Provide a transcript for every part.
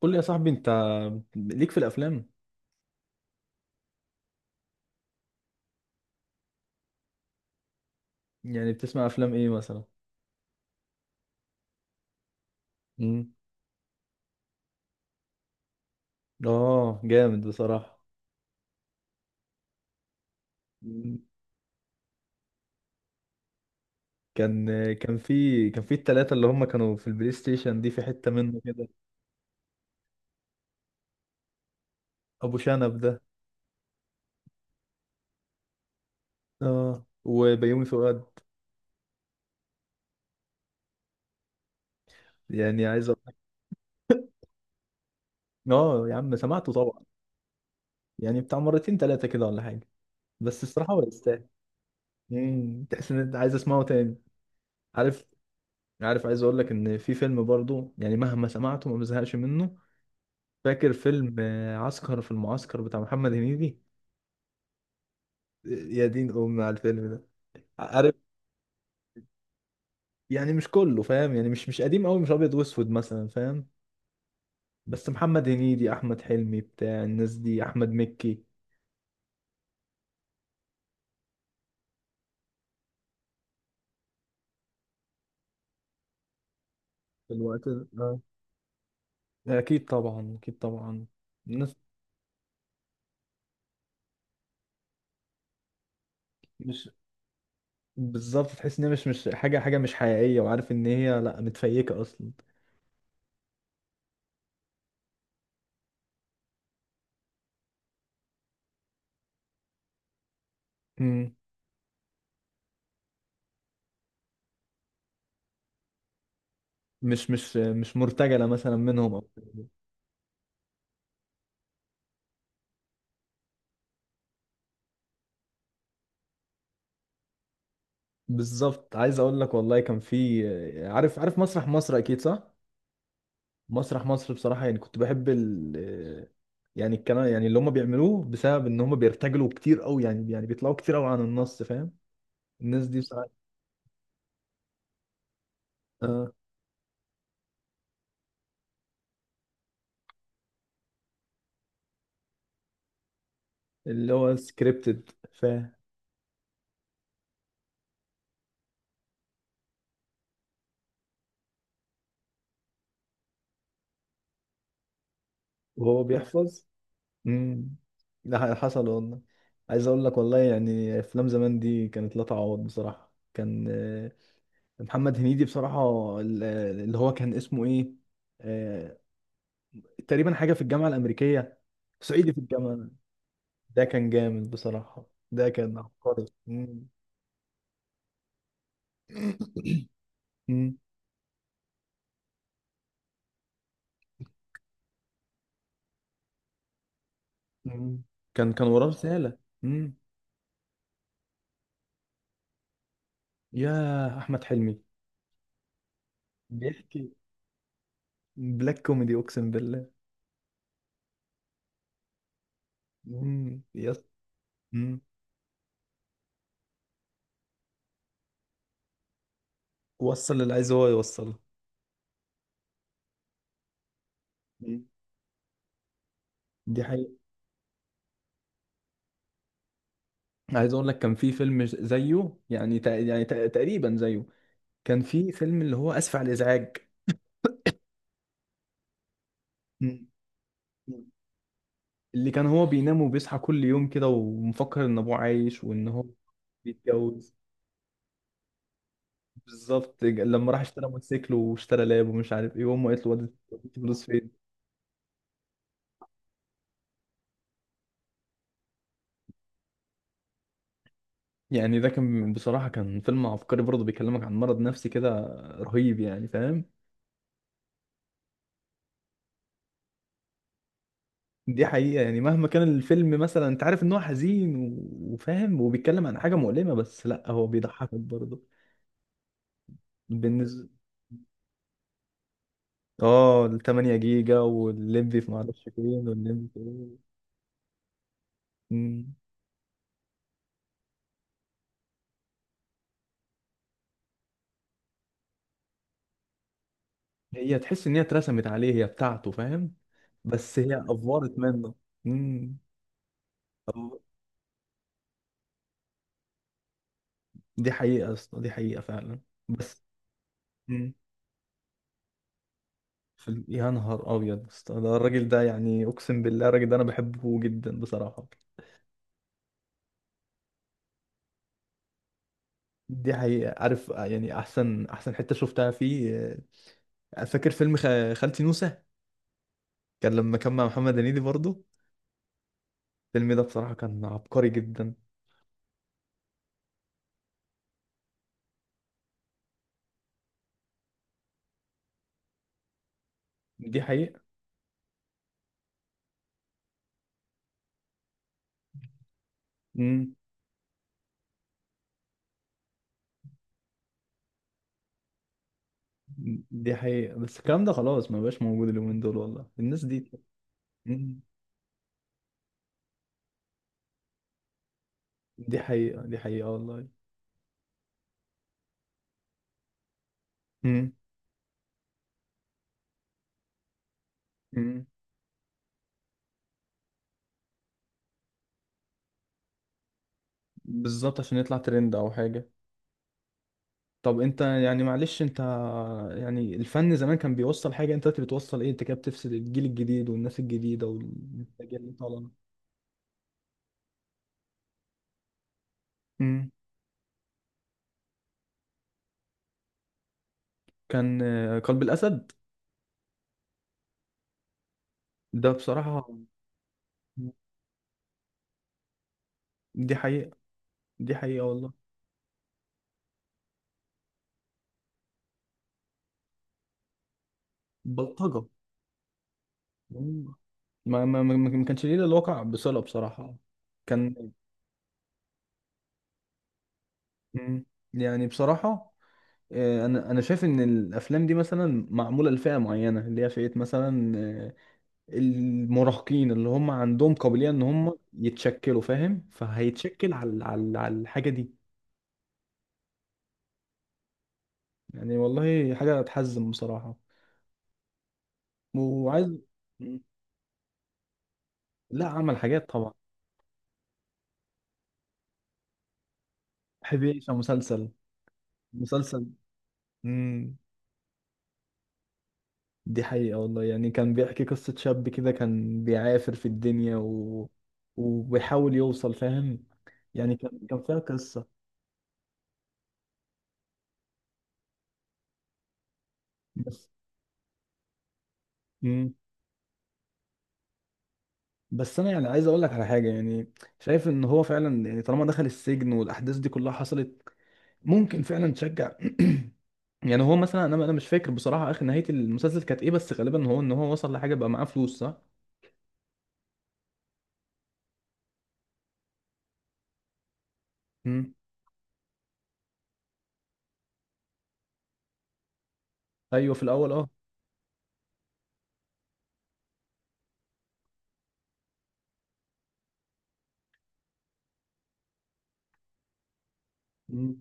قول لي يا صاحبي انت ليك في الافلام. يعني بتسمع افلام ايه مثلا؟ مم. اه، جامد بصراحة. مم. كان كان في التلاتة اللي هم كانوا في البلاي ستيشن دي في حتة منه كده. ابو شنب ده. اه، وبيومي فؤاد. يعني عايز اقول لك- اه يا عم، سمعته طبعا. يعني بتاع مرتين تلاتة كده ولا حاجة؟ بس الصراحة هو يستاهل. تحس ان انت عايز اسمعه تاني. عارف عارف عايز اقول لك ان في فيلم برضو، يعني مهما سمعته ما بزهقش منه. فاكر فيلم عسكر في المعسكر بتاع محمد هنيدي؟ يا دين امي على الفيلم ده. عارف، يعني مش كله فاهم، يعني مش قديم قوي، مش ابيض واسود مثلا، فاهم. بس محمد هنيدي، احمد حلمي، بتاع الناس دي، احمد مكي في الوقت ده. آه. اكيد طبعا، اكيد طبعا. الناس مش- بالظبط، تحس ان هي مش حاجه مش حقيقيه، وعارف ان هي لا متفيكه اصلا. مم. مش مرتجله مثلا منهم أو كده. بالظبط. عايز اقول لك والله، كان في- عارف عارف مسرح مصر اكيد، صح؟ مسرح مصر بصراحة، يعني كنت بحب ال- يعني الكلام يعني اللي هم بيعملوه بسبب ان هم بيرتجلوا كتير قوي، يعني بيطلعوا كتير قوي عن النص، فاهم. الناس دي بصراحة. آه. اللي هو سكريبتد، فاهم. وهو بيحفظ. امم. حصل والله. عايز اقول لك والله، يعني افلام زمان دي كانت لا تعوض بصراحة. كان محمد هنيدي بصراحة ال- اللي هو كان اسمه ايه، آه، تقريبا حاجة في الجامعة الأمريكية، صعيدي في الجامعة. ده كان جامد بصراحة. ده كان عبقري. مم. مم. مم. كان وراه رسالة. مم. يا أحمد حلمي. بيحكي بلاك كوميدي، أقسم بالله. مم، يس. مم. وصل اللي عايز هو يوصله. مم. دي حقيقة. عايز أقول لك كان في فيلم زيه، يعني تقريبا زيه. كان في فيلم اللي هو آسف على الإزعاج. مم. مم. اللي كان هو بينام وبيصحى كل يوم كده، ومفكر إن أبوه عايش وإن هو بيتجوز. بالظبط، لما راح اشترى موتوسيكل، واشترى لاب، ومش عارف ايه، وامه قالت له ودي فلوس فين. يعني ده كان بصراحة كان فيلم عبقري برضه، بيكلمك عن مرض نفسي كده رهيب يعني، فاهم. دي حقيقة. يعني مهما كان الفيلم مثلا، انت عارف ان هو حزين و- وفاهم وبيتكلم عن حاجة مؤلمة، بس لا هو بيضحكك برضه. بالنسبة- اه، ال 8 جيجا، والليمبي في معرفش فين، والليمبي في إيه. مم. هي تحس ان هي اترسمت عليه، هي بتاعته فاهم، بس هي افورت منه. مم. دي حقيقة يا اسطى، دي حقيقة فعلا. بس. مم. في ال- يا نهار أبيض يا اسطى، ده الراجل ده يعني أقسم بالله الراجل ده أنا بحبه جدا بصراحة. دي حقيقة. عارف، يعني أحسن حتة شفتها فيه، فاكر فيلم خالتي نوسة؟ كان لما كان مع محمد هنيدي برضه. الفيلم ده بصراحة كان عبقري جدا. دي حقيقة. مم. دي حقيقة. بس الكلام ده خلاص ما بقاش موجود اليومين دول والله، الناس دي. مم. دي حقيقة، دي حقيقة والله. مم. مم. بالظبط، عشان يطلع ترند أو حاجة. طب انت يعني معلش انت، يعني الفن زمان كان بيوصل حاجة، انت دلوقتي بتوصل ايه؟ انت كده بتفسد الجيل الجديد والناس الجديدة والاجيال اللي طالعة. امم. كان قلب الأسد. ده بصراحة. دي حقيقة، دي حقيقة والله. بلطجة. مم. ما كانش ليه إلا الواقع بصلة بصراحة. كان. مم. يعني بصراحة انا شايف ان الافلام دي مثلا معمولة لفئة معينة، اللي هي فئة مثلا المراهقين، اللي هم عندهم قابلية ان هم يتشكلوا، فاهم، فهيتشكل على الحاجة دي. يعني والله حاجة تحزن بصراحة. وعايز- لا، عمل حاجات طبعا. بحب يعيش على مسلسل، مسلسل. امم. دي حقيقة والله، يعني كان بيحكي قصة شاب كده كان بيعافر في الدنيا و- وبيحاول يوصل، فاهم. يعني كان كان فيها قصة. بس بس انا يعني عايز اقول لك على حاجه، يعني شايف ان هو فعلا يعني طالما دخل السجن والاحداث دي كلها حصلت، ممكن فعلا تشجع. يعني هو مثلا، انا مش فاكر بصراحه اخر نهايه المسلسل كانت ايه، بس غالبا هو ان هو وصل لحاجه بقى معاه فلوس، صح؟ مم. ايوه، في الاول اه. مم.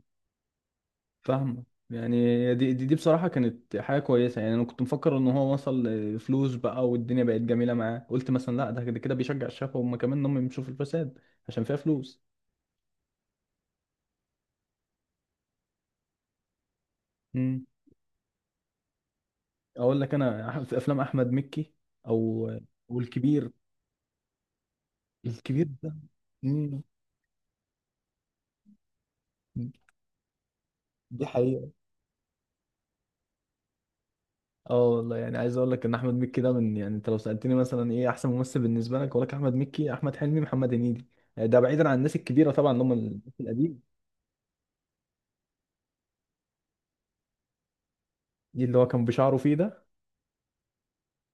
فاهمه. يعني دي بصراحه كانت حاجه كويسه. يعني انا كنت مفكر ان هو وصل فلوس بقى والدنيا بقت جميله معاه، قلت مثلا لا، ده كده كده بيشجع الشباب هم كمان ان هم يمشوا في الفساد عشان فيها فلوس. اقول لك انا في افلام احمد مكي او- والكبير، الكبير ده. مم. دي حقيقة. اه والله، يعني عايز اقول لك ان احمد مكي ده من- يعني انت لو سألتني مثلا ايه احسن ممثل بالنسبة لك، اقول لك احمد مكي، احمد حلمي، محمد هنيدي، ده بعيدا عن الناس الكبيرة طبعا، اللي هم الناس القديم. دي اللي هو كان بشعره فيه ده.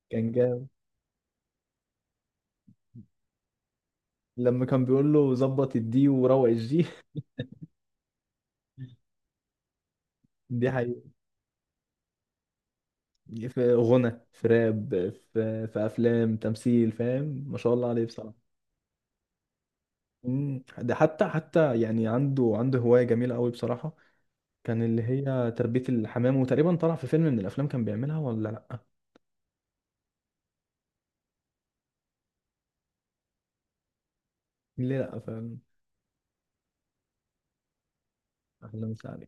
كان جامد لما كان بيقول له ظبط الدي وروق الجي. دي حقيقة. في غنى، في راب، في افلام تمثيل، فاهم. ما شاء الله عليه بصراحة. مم. ده حتى يعني عنده هواية جميلة قوي بصراحة، كان اللي هي تربية الحمام، وتقريبا طلع في فيلم من الأفلام كان بيعملها ولا لأ؟ ليه لأ فعلا. أحلام سعد